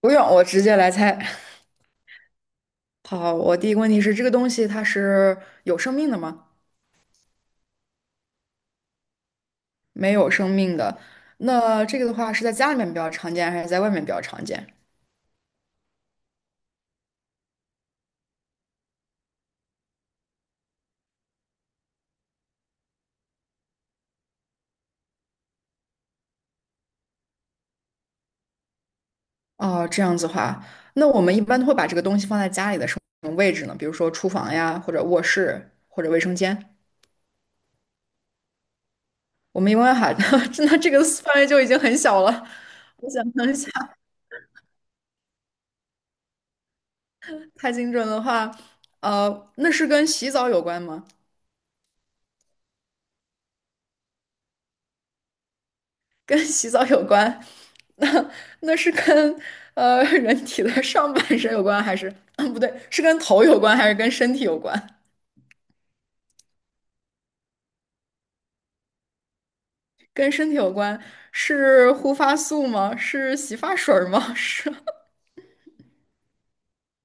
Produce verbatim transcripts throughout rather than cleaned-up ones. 不用，我直接来猜。好，我第一个问题是，这个东西它是有生命的吗？没有生命的。那这个的话是在家里面比较常见，还是在外面比较常见？哦，这样子的话，那我们一般都会把这个东西放在家里的什么位置呢？比如说厨房呀，或者卧室，或者卫生间。我们一般喊，那这个范围就已经很小了。我想象一下，太精准的话，呃，那是跟洗澡有关吗？跟洗澡有关，那那是跟呃人体的上半身有关，还是，嗯，不对，是跟头有关，还是跟身体有关？跟身体有关，是护发素吗？是洗发水儿吗？是，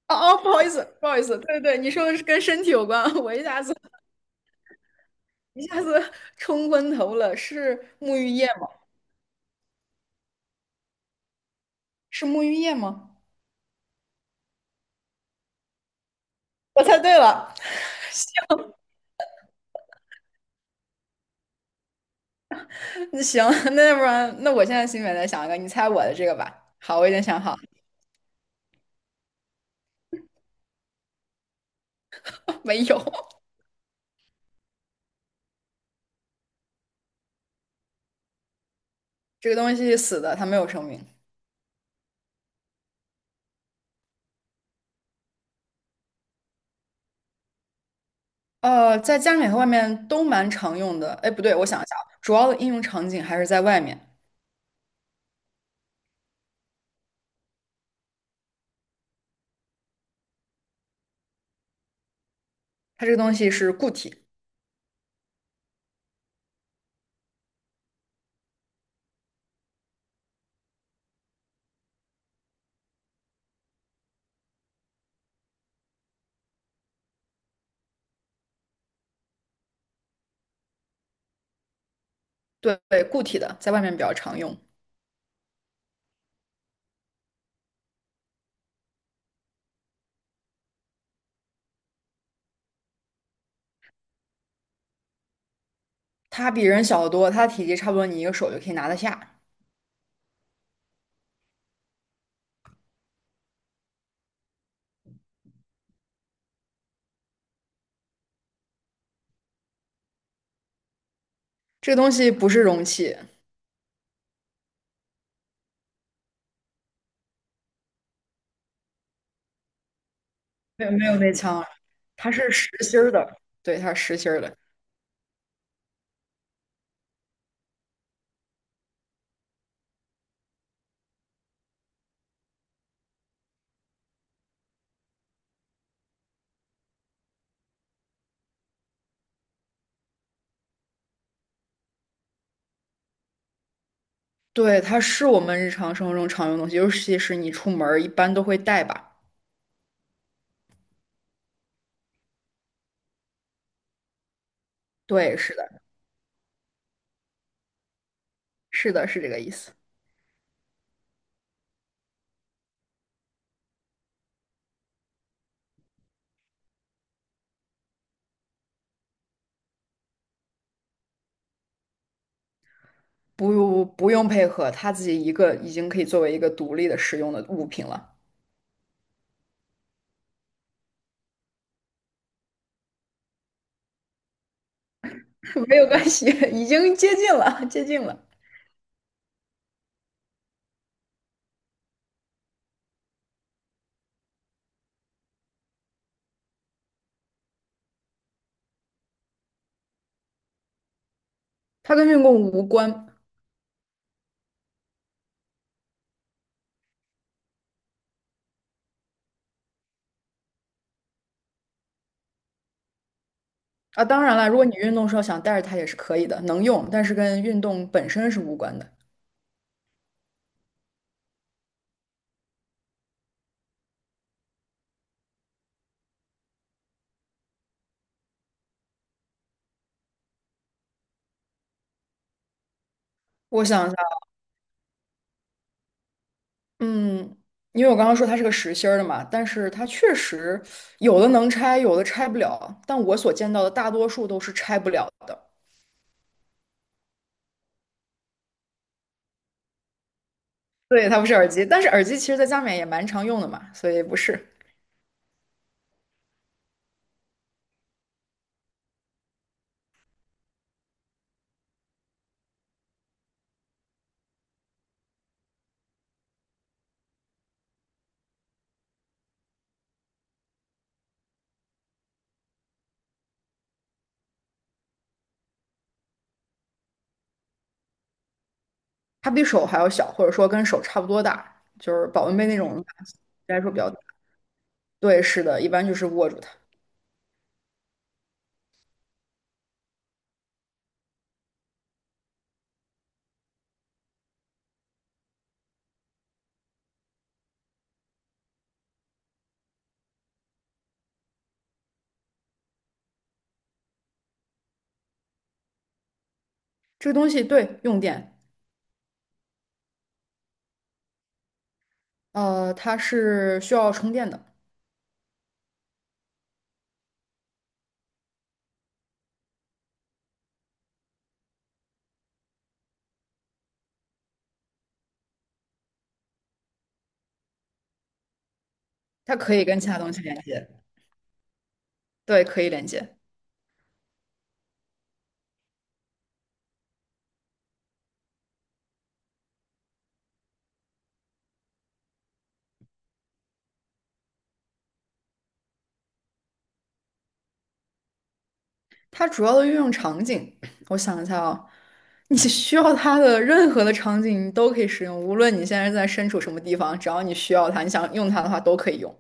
哦哦，不好意思，不好意思，对对，你说的是跟身体有关，我一下子一下子冲昏头了，是沐浴液吗？是沐浴液吗？我猜对了，那行，那要不然，那我现在心里面再想一个，你猜我的这个吧。好，我已经想好了 没有。这个东西死的，它没有生命。呃，在家里面和外面都蛮常用的。哎，不对，我想一下啊主要的应用场景还是在外面。它这个东西是固体，对，对固体的，在外面比较常用。它比人小得多，它的体积差不多你一个手就可以拿得下。这个东西不是容器，没有没有内腔啊，它是实心儿的。对，它是实心儿的。对，它是我们日常生活中常用的东西，尤其是你出门儿一般都会带吧。对，是的，是的，是这个意思。不不用配合，它自己一个已经可以作为一个独立的使用的物品了，没有关系，已经接近了，接近了，它跟运动无关啊。当然了，如果你运动时候想带着它也是可以的，能用，但是跟运动本身是无关的。我想一下，嗯，因为我刚刚说它是个实心儿的嘛，但是它确实有的能拆，有的拆不了，但我所见到的大多数都是拆不了的。对，它不是耳机，但是耳机其实在家里面也蛮常用的嘛，所以不是。它比手还要小，或者说跟手差不多大，就是保温杯那种来说比较大。对，是的，一般就是握住它。这个东西对用电，呃，它是需要充电的，它可以跟其他东西连接，对，可以连接。它主要的运用场景，我想一下啊，你 需要它的任何的场景你都可以使用，无论你现在在身处什么地方，只要你需要它，你想用它的话都可以用，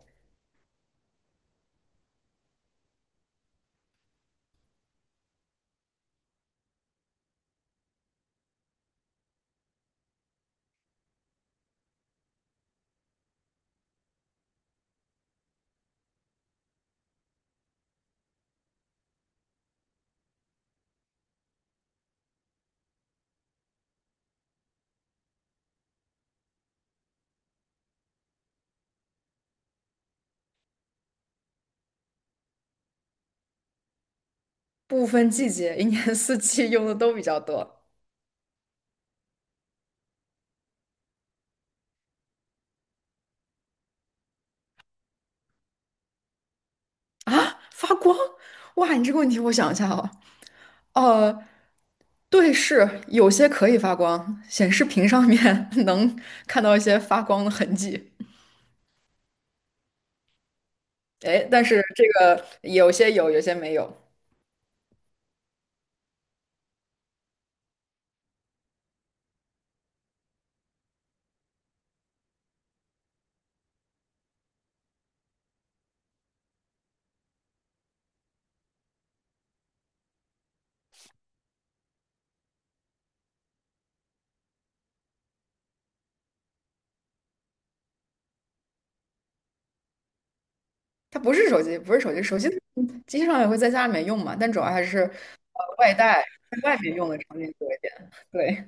不分季节，一年四季用的都比较多。啊，发光？哇，你这个问题我想一下哦。呃，对，是有些可以发光，显示屏上面 能看到一些发光的痕迹。哎，但是这个有些有，有些没有。它不是手机，不是手机，手机机上也会在家里面用嘛，但主要还是外带在外面用的场景多一点。对，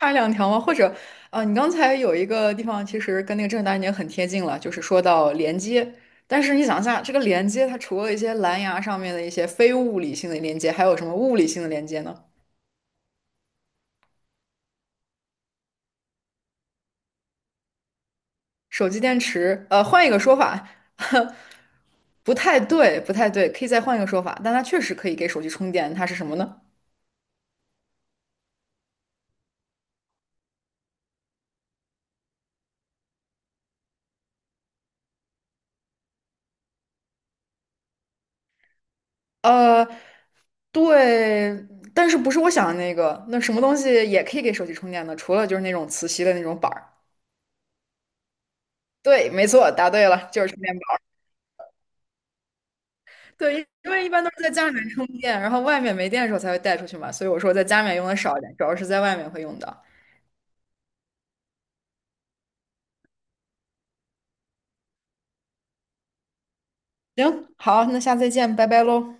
差两条吗？或者，呃，你刚才有一个地方其实跟那个正大已经很贴近了，就是说到连接。但是你想一下，这个连接它除了一些蓝牙上面的一些非物理性的连接，还有什么物理性的连接呢？手机电池，呃，换一个说法，不太对，不太对，可以再换一个说法，但它确实可以给手机充电，它是什么呢？呃，对，但是不是我想的那个？那什么东西也可以给手机充电呢？除了就是那种磁吸的那种板儿。对，没错，答对了，就是充电。宝。对，因为一般都是在家里面充电，然后外面没电的时候才会带出去嘛，所以我说在家里面用的少一点，主要是在外面会用到。行，好，那下次再见，拜拜喽。